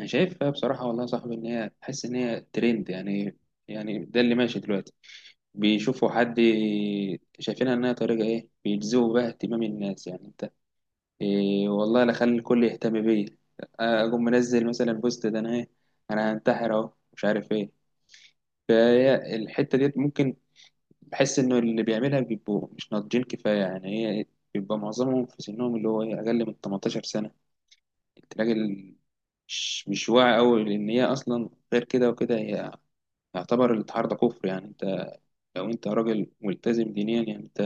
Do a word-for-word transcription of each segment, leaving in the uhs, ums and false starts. انا شايفها بصراحه والله يا صاحبي ان هي تحس ان هي ترند يعني. يعني ده اللي ماشي دلوقتي. بيشوفوا حد شايفينها انها طريقه ايه بيجذبوا بها اهتمام الناس. يعني انت إيه والله، لا خلي الكل يهتم بيا، اقوم منزل مثلا بوست ده انا ايه، انا هنتحر اهو، مش عارف ايه. فهي الحته ديت ممكن بحس انه اللي بيعملها بيبقوا مش ناضجين كفايه. يعني هي بيبقى معظمهم في سنهم اللي هو إيه، اقل من تمنتاشر سنه. كنت راجل مش مش واعي أوي، لأن هي أصلا غير كده وكده. هي يعتبر الاتحاد ده كفر. يعني أنت لو أنت راجل ملتزم دينيا، يعني أنت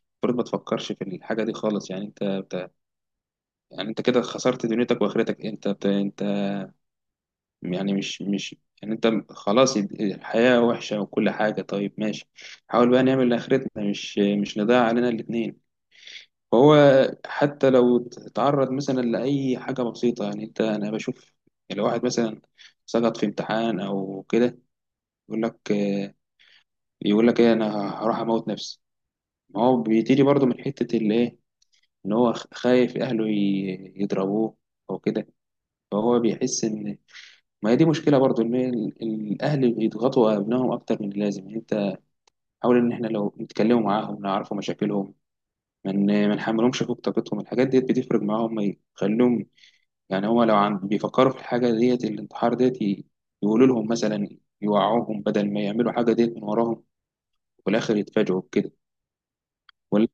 المفروض ما تفكرش في الحاجة دي خالص. يعني أنت بت... يعني أنت كده خسرت دنيتك وآخرتك. أنت بت... أنت يعني مش مش يعني أنت خلاص الحياة وحشة وكل حاجة، طيب ماشي، حاول بقى نعمل لآخرتنا، مش مش نضيع علينا الاتنين. فهو حتى لو اتعرض مثلا لأي حاجة بسيطة، يعني أنت أنا بشوف لو واحد مثلا سقط في امتحان أو كده يقول لك آه، يقول لك إيه، أنا هروح أموت نفسي. ما هو بيتيجي برضه من حتة اللي إيه، إن هو خ- خايف أهله ي- يضربوه أو كده. فهو بيحس إن، ما هي دي مشكلة برضه، إن ال- الأهل بيضغطوا أبنائهم أكتر من اللازم. يعني أنت حاول إن إحنا لو نتكلموا معاهم نعرفوا مشاكلهمم، ما من ما نحملهمش فوق طاقتهم. الحاجات دي بتفرق معاهم، ما يخليهم، يعني هو لو عن بيفكروا في الحاجة ديت الانتحار ديت، ي- يقولوا لهم مثلا، يوعوهم بدل ما يعملوا حاجة ديت من وراهم وفي الآخر يتفاجئوا بكده. ولا-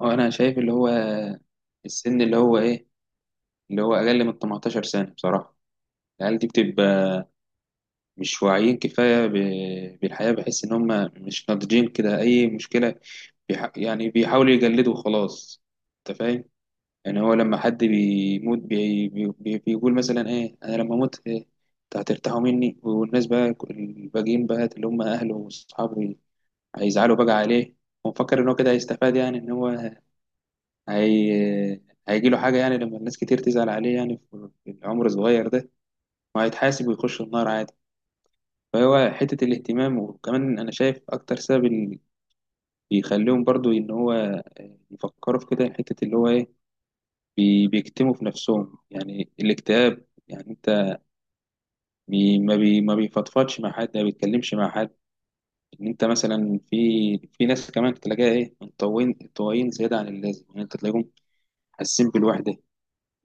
وأنا شايف اللي هو السن اللي هو إيه، اللي هو أقل من تمنتاشر سنة. بصراحة العيال دي بتبقى مش واعيين كفاية ب- بالحياة. بحس إن هم مش ناضجين كده. أي مشكلة بيح... يعني بيحاولوا يجلدوا وخلاص. أنت فاهم؟ يعني هو لما حد بيموت بي بي بي بيقول مثلا ايه، انا لما اموت إيه، انتوا هترتاحوا مني، والناس بقى الباقيين بقى اللي هم اهله واصحابه هيزعلوا بقى عليه. ومفكر ان هو كده هيستفاد، يعني ان هو هي هيجي له حاجه يعني لما الناس كتير تزعل عليه، يعني في في العمر الصغير ده وهيتحاسب ويخش النار عادي. فهو حته الاهتمام. وكمان انا شايف اكتر سبب اللي بيخليهم برضو ان هو يفكروا في كده، حته اللي هو ايه، بي- بيكتموا في نفسهم، يعني الاكتئاب. يعني انت بي ما بي ما بيفضفضش مع حد، ما بيتكلمش مع حد. ان انت مثلا في، في ناس كمان تلاقيها ايه منطوين طوايين زياده عن اللازم. يعني انت تلاقيهم حاسين بالوحده،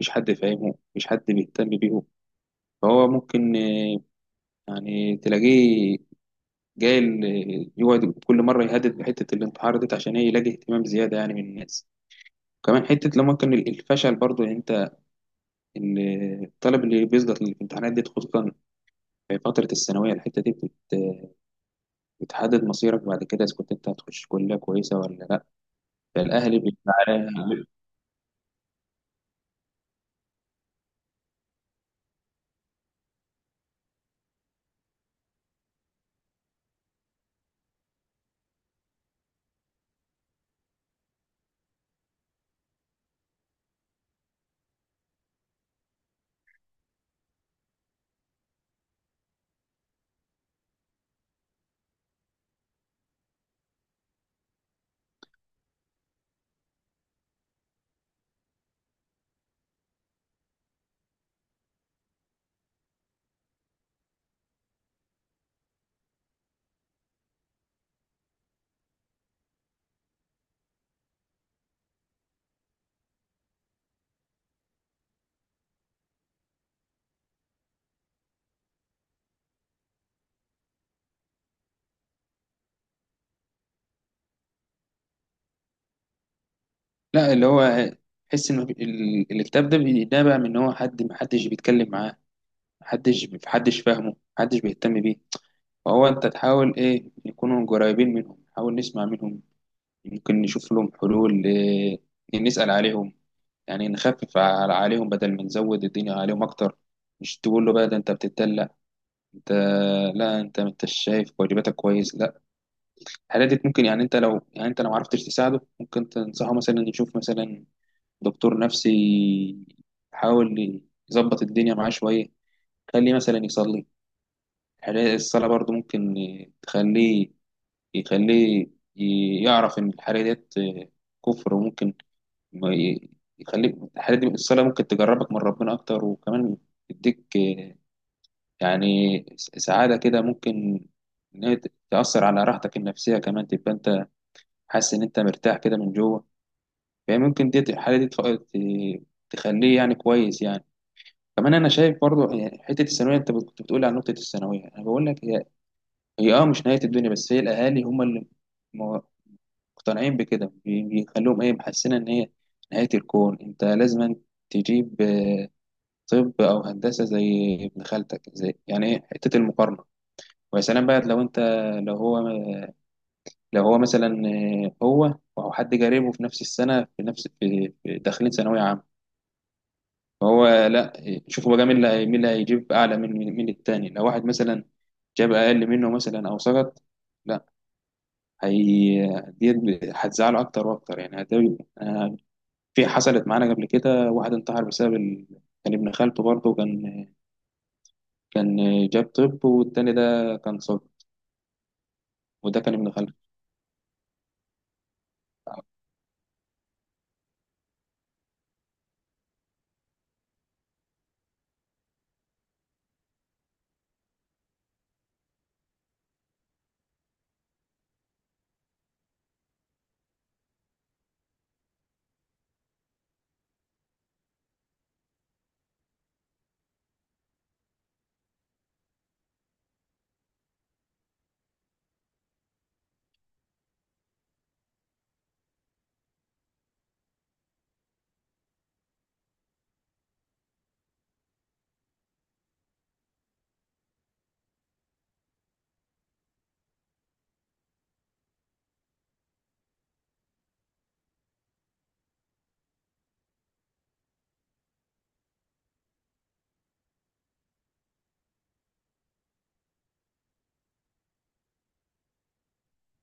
مفيش حد فاهمهم، مفيش حد بيهتم بيهم. فهو ممكن آه، يعني تلاقيه جاي ال- يقعد كل مره يهدد بحته الانتحار دي عشان ايه، يلاقي اهتمام زياده يعني من الناس. كمان حته لما ممكن الفشل برضو، يعني انت ال- الطالب اللي بيسقط في الامتحانات دي، خصوصا في فترة الثانوية. الحتة دي بتت- بتحدد مصيرك بعد كده، إذا كنت أنت هتخش كلية كويسة ولا لأ. فالأهلي بيبقى على- لا اللي هو تحس إن في- ال- الاكتئاب ده بينبع من إن هو حد محدش بيتكلم معاه، محدش محدش فاهمه، محدش بيهتم بيه. فهو أنت تحاول إيه، نكونوا قريبين منهم، نحاول نسمع منهم، يمكن نشوف لهم حلول إيه، نسأل عليهم. يعني نخفف على- عليهم بدل ما نزود الدنيا عليهم أكتر. مش تقول له بقى، ده أنت بتتدلع، انت، لا انت، انت شايف واجباتك كويس؟ لا، الحاجات دي ممكن، يعني انت لو، يعني انت لو ما عرفتش تساعده، ممكن تنصحه مثلا يشوف مثلا دكتور نفسي، يحاول يظبط الدنيا معاه شويه. خليه مثلا يصلي. الحاجات- الصلاه برضو ممكن تخليه، يخليه ي- يعرف ان الحاجه ديت كفر. وممكن ما ي- يخليك. الحاجات دي، الصلاه، ممكن تجربك من ربنا اكتر، وكمان تديك يعني س- سعادة كده. ممكن إن هي ت- تأثر على راحتك النفسية، كمان تبقى أنت حاسس إن أنت مرتاح كده من جوه. فهي ممكن دي الحالة دي تف- ت- تخليه يعني كويس يعني. كمان أنا شايف برضو يعني حتة الثانوية، أنت بت- كنت بتقول عن نقطة الثانوية، أنا بقول لك هي، هي أه مش نهاية الدنيا، بس هي الأهالي هم اللي م- مقتنعين بكده، بي- بيخلوهم إيه محسنة إن هي نهاية الكون. أنت لازم تجيب آه، طب أو هندسة زي ابن خالتك. زي يعني إيه حتة المقارنة. ويا سلام بقى لو انت، لو هو لو هو مثلا آه، هو او حد قريبه في نفس السنه، في نفس، في في داخلين ثانويه عامه. فهو لا آه، شوفوا بقى مين اللي هي- مين اللي هيجيب اعلى من من من التاني. لو واحد مثلا جاب اقل منه مثلا او سقط، لا، هي دي هتزعله اكتر واكتر، يعني هتبقى آه، في حصلت معانا قبل كده واحد انتحر بسبب ال... كان ابن خالته برضه. كان كان جاب طب، والتاني ده كان صب، وده كان ابن خالته.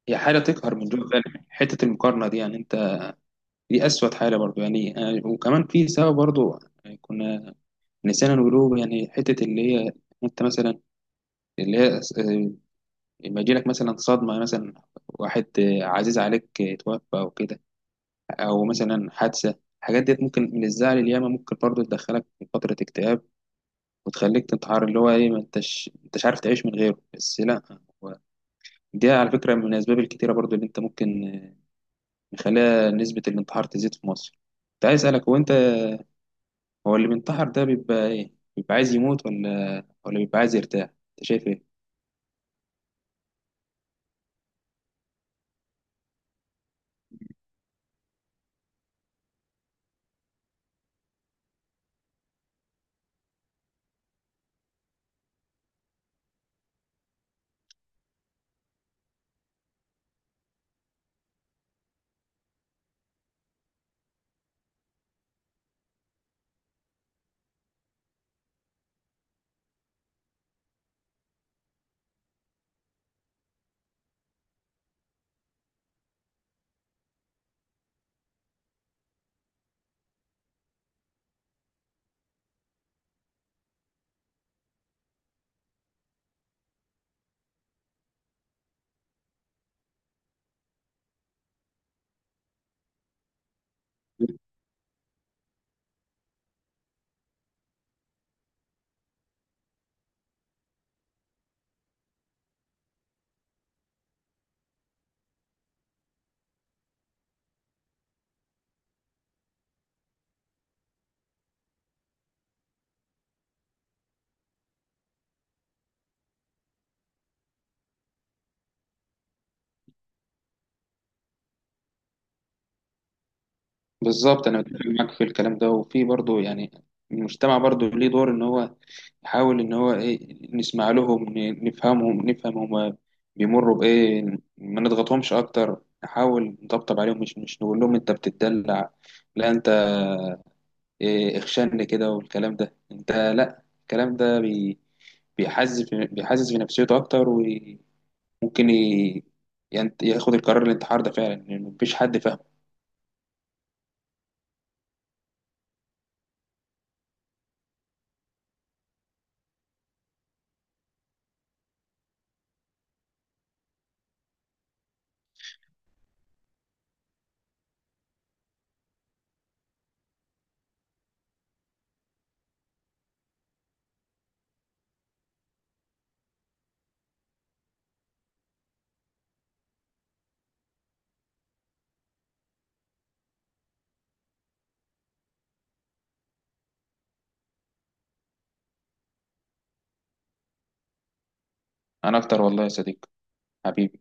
هي حاجه تقهر من جوه فعلا حته المقارنه دي. يعني انت دي أسود حالة برضو يعني آه. وكمان في سبب برضو آه، كنا نسينا نقوله، يعني حتة اللي هي، أنت مثلا، اللي هي آه، لما يجيلك مثلا صدمة مثلا، واحد آه، عزيز عليك آه، توفى أو كده، أو مثلا حادثة. الحاجات ديت ممكن من الزعل الياما ممكن برضو تدخلك في فترة اكتئاب وتخليك تنتحر، اللي هو إيه، ما أنتش أنتش عارف تعيش من غيره. بس لأ هو دي على فكرة من الأسباب الكتيرة برضو اللي أنت ممكن آه، مخليها نسبة الانتحار تزيد في مصر. كنت عايز أسألك، هو أنت، هو اللي بينتحر ده بيبقى ايه، بيبقى عايز يموت ولا ولا بيبقى عايز يرتاح؟ انت شايف ايه؟ بالظبط، انا متفق معاك في الكلام ده. وفي برضه يعني المجتمع برضه ليه دور ان هو يحاول ان هو ايه، نسمع لهم، ن- نفهمهم، نفهم هما بيمروا بايه، ما نضغطهمش اكتر، نحاول نطبطب عليهم، مش مش نقول لهم انت بتدلع، لا انت إيه اخشن كده والكلام ده. انت لا، الكلام ده بي بيحزز في بيحزز في نفسيته اكتر. ممكن ي... يعني ياخد القرار الانتحار ده فعلا، لأن مفيش حد فاهمه. انا اكتر والله يا صديقي، حبيبي.